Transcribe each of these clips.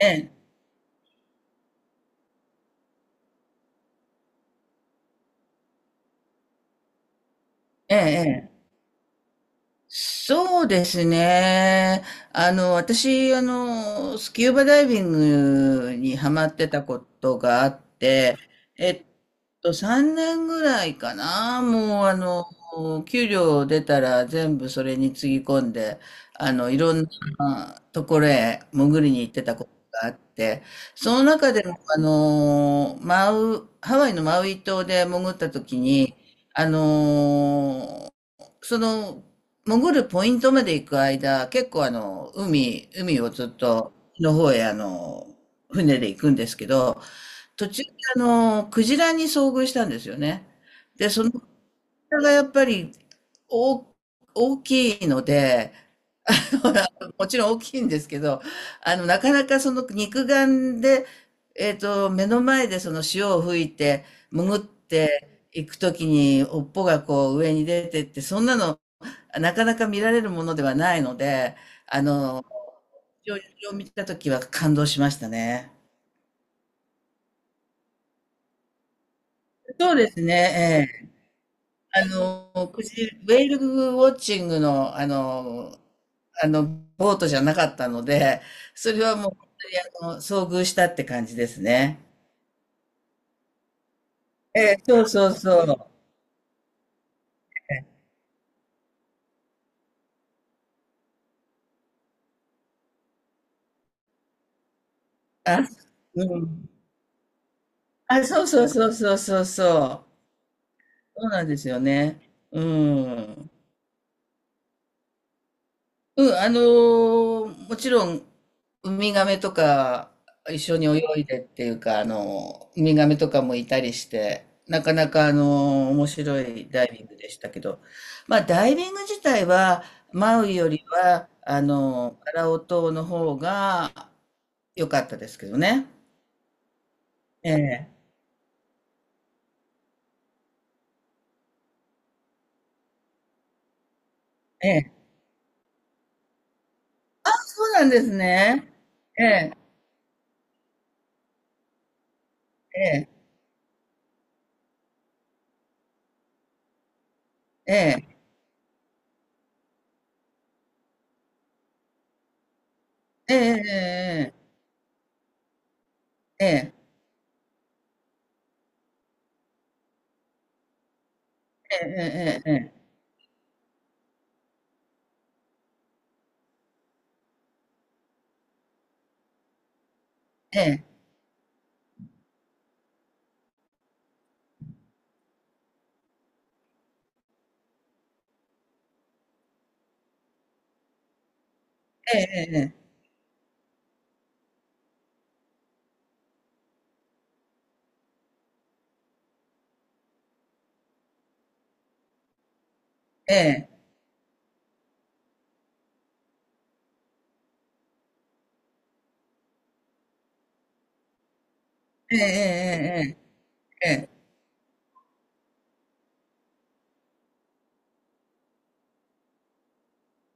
ええ、ええ、ええ、そうですね。私、スキューバダイビングにハマってたことがあって、えっ3年ぐらいかな。もう、給料出たら全部それにつぎ込んで、いろんなところへ潜りに行ってたことがあって、その中でも、ハワイのマウイ島で潜った時に、あのその、潜るポイントまで行く間、結構海をずっとの方へ船で行くんですけど、途中でクジラに遭遇したんですよね。で、そのクれがやっぱりお大きいので、あもちろん大きいんですけど、なかなかその肉眼で、目の前でその潮を吹いて、潜っていくときに、尾っぽがこう上に出てって、そんなの、なかなか見られるものではないので、あの、非常にそれを見たときは感動しましたね。そうですね、ええ。ウェールウォッチングの、あの、ボートじゃなかったので、それはもう本当に遭遇したって感じですね。ええ、そうそうそう。あ、うん。あ、そうそうそうそうそうそう。そうなんですよね。うん。うん、もちろんウミガメとか一緒に泳いでっていうかウミガメとかもいたりしてなかなか面白いダイビングでしたけど、まあダイビング自体はマウイよりはカラオ島の方が良かったですけどね。ええ、そうなんですね。えええええええええええええええええええええええええ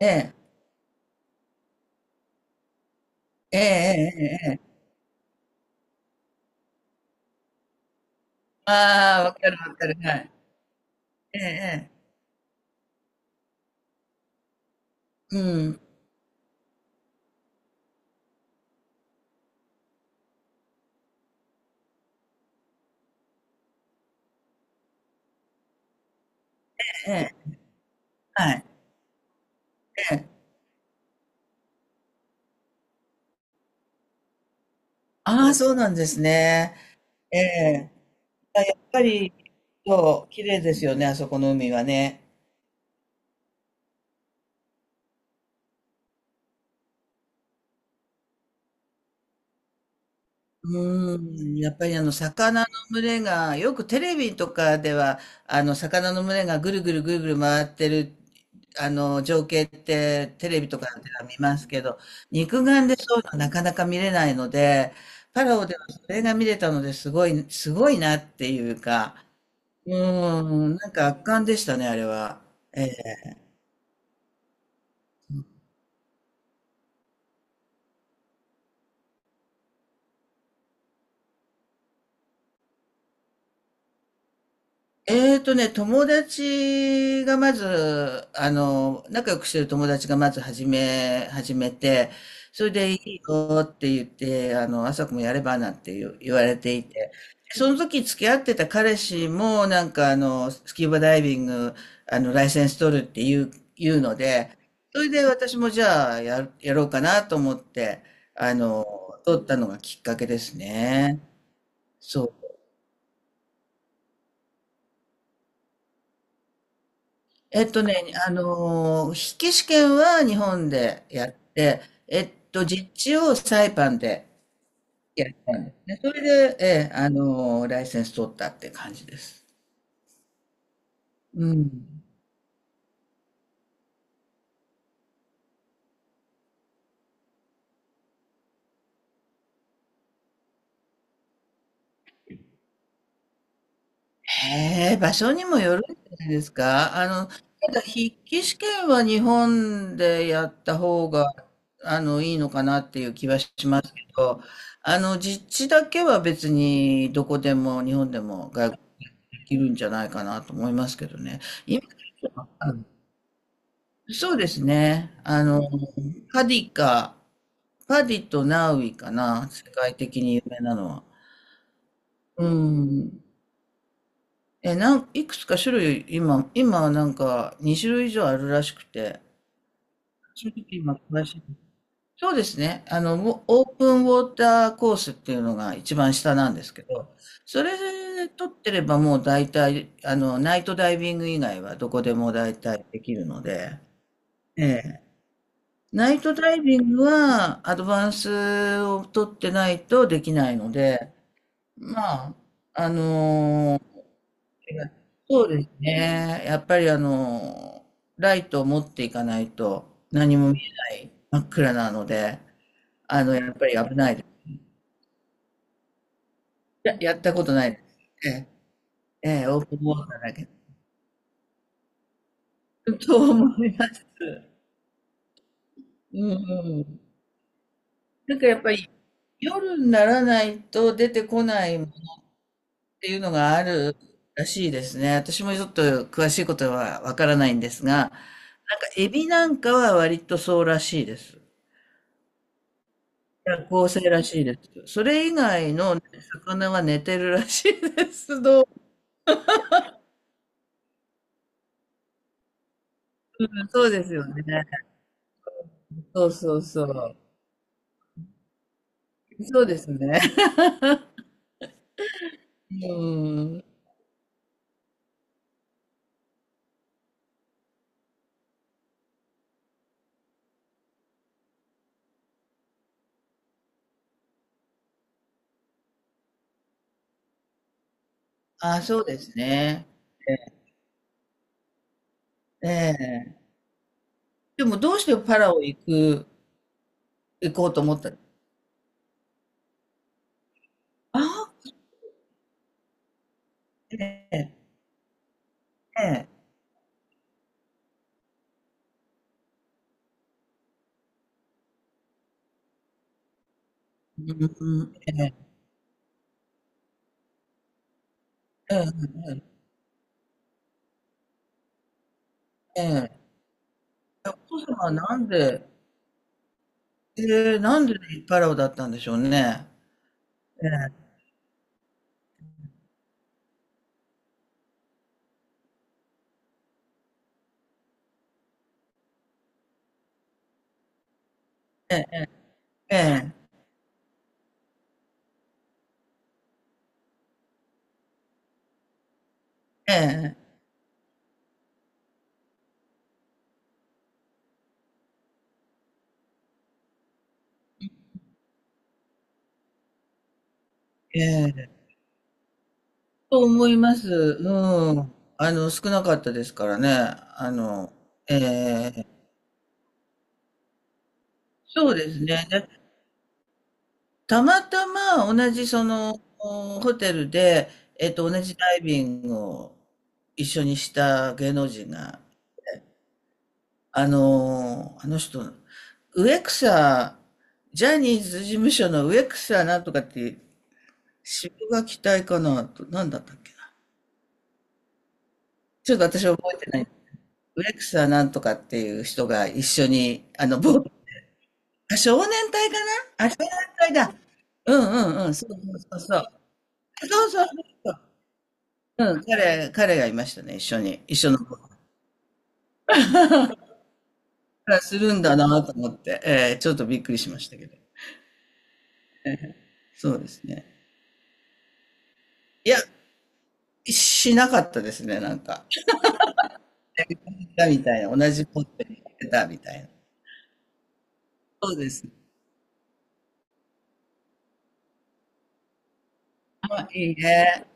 ええええええええええええ。ああ、わかるわかる。はい。ええええ、うん。ええ、はい。ええ、ああ、そうなんですね。ええ、あ、やっぱり、そう、綺麗ですよね、あそこの海はね。うーん、やっぱりあの魚の群れが、よくテレビとかでは、あの魚の群れがぐるぐるぐるぐる回ってる、あの情景ってテレビとかでは見ますけど、肉眼でそういうのなかなか見れないので、パラオではそれが見れたのですごい、すごいなっていうか、うーん、なんか圧巻でしたね、あれは。友達がまず、仲良くしてる友達がまず始めて、それでいいよって言って、朝子もやればなんて言う言われていて、その時付き合ってた彼氏も、なんかスキューバダイビング、ライセンス取るっていう、言うので、それで私もじゃあやろうかなと思って、あの、取ったのがきっかけですね。そう。えっとね、筆記試験は日本でやって、実地をサイパンでやったんですね。それで、ええ、ライセンス取ったって感じです。うん。へえ、場所にもよるんじゃないですか。ただ筆記試験は日本でやった方が、いいのかなっていう気はしますけど、実地だけは別にどこでも日本でも外国できるんじゃないかなと思いますけどね。あ、そうですね。パディか、パディとナウイかな、世界的に有名なのは。うん。え、いくつか種類、今なんか2種類以上あるらしくて、正直今詳しい。そうですね。ウォオープンウォーターコースっていうのが一番下なんですけど、それ取ってればもう大体、ナイトダイビング以外はどこでも大体できるので、ええ、ナイトダイビングはアドバンスを取ってないとできないので、まあ、あのーそうですね。やっぱりライトを持っていかないと何も見えない真っ暗なので、やっぱり危ないです。やったことないです。ええ、ええ、オープンウォーターだけ と思います。うんうん。なんかやっぱり夜にならないと出てこないっていうのがあるらしいですね。私もちょっと詳しいことはわからないんですが、なんかエビなんかは割とそうらしいです。夜行性らしいです。それ以外のね魚は寝てるらしいです。そうですよね。そうそうそう。そうですね。うん。あ、そうですね。ええ。でもどうしてパラオ行こうと思った、ああ、ええ、ええ、うん、うん、ええ、うん、うん、ええ。いや、お父様はなんで、えーなんでパラオだったんでしょうね。ええ、ええ、ええ、ええ。と思います。うん。少なかったですからね。あの、ええ、そうですね。で、たまたま同じその、ホテルで、同じダイビングを一緒にした芸能人が、あの人、植草、ジャニーズ事務所の植草なんとかって渋が期待かなと、なんだったっけな。ちょっと私は覚えてない。ウレクサなんとかっていう人が一緒に、ボート、あ、少年隊かなあ、少年隊だ。うんうんうん、そうそうそうそう。そうそうそう。うん、彼がいましたね、一緒に。一緒のボート。あ、するんだなと思って、ちょっとびっくりしましたけど。そうですね。いや、しなかったですね、なんか。みたいな、同じポットに入ったみたいな。そうです。まあ、いいね。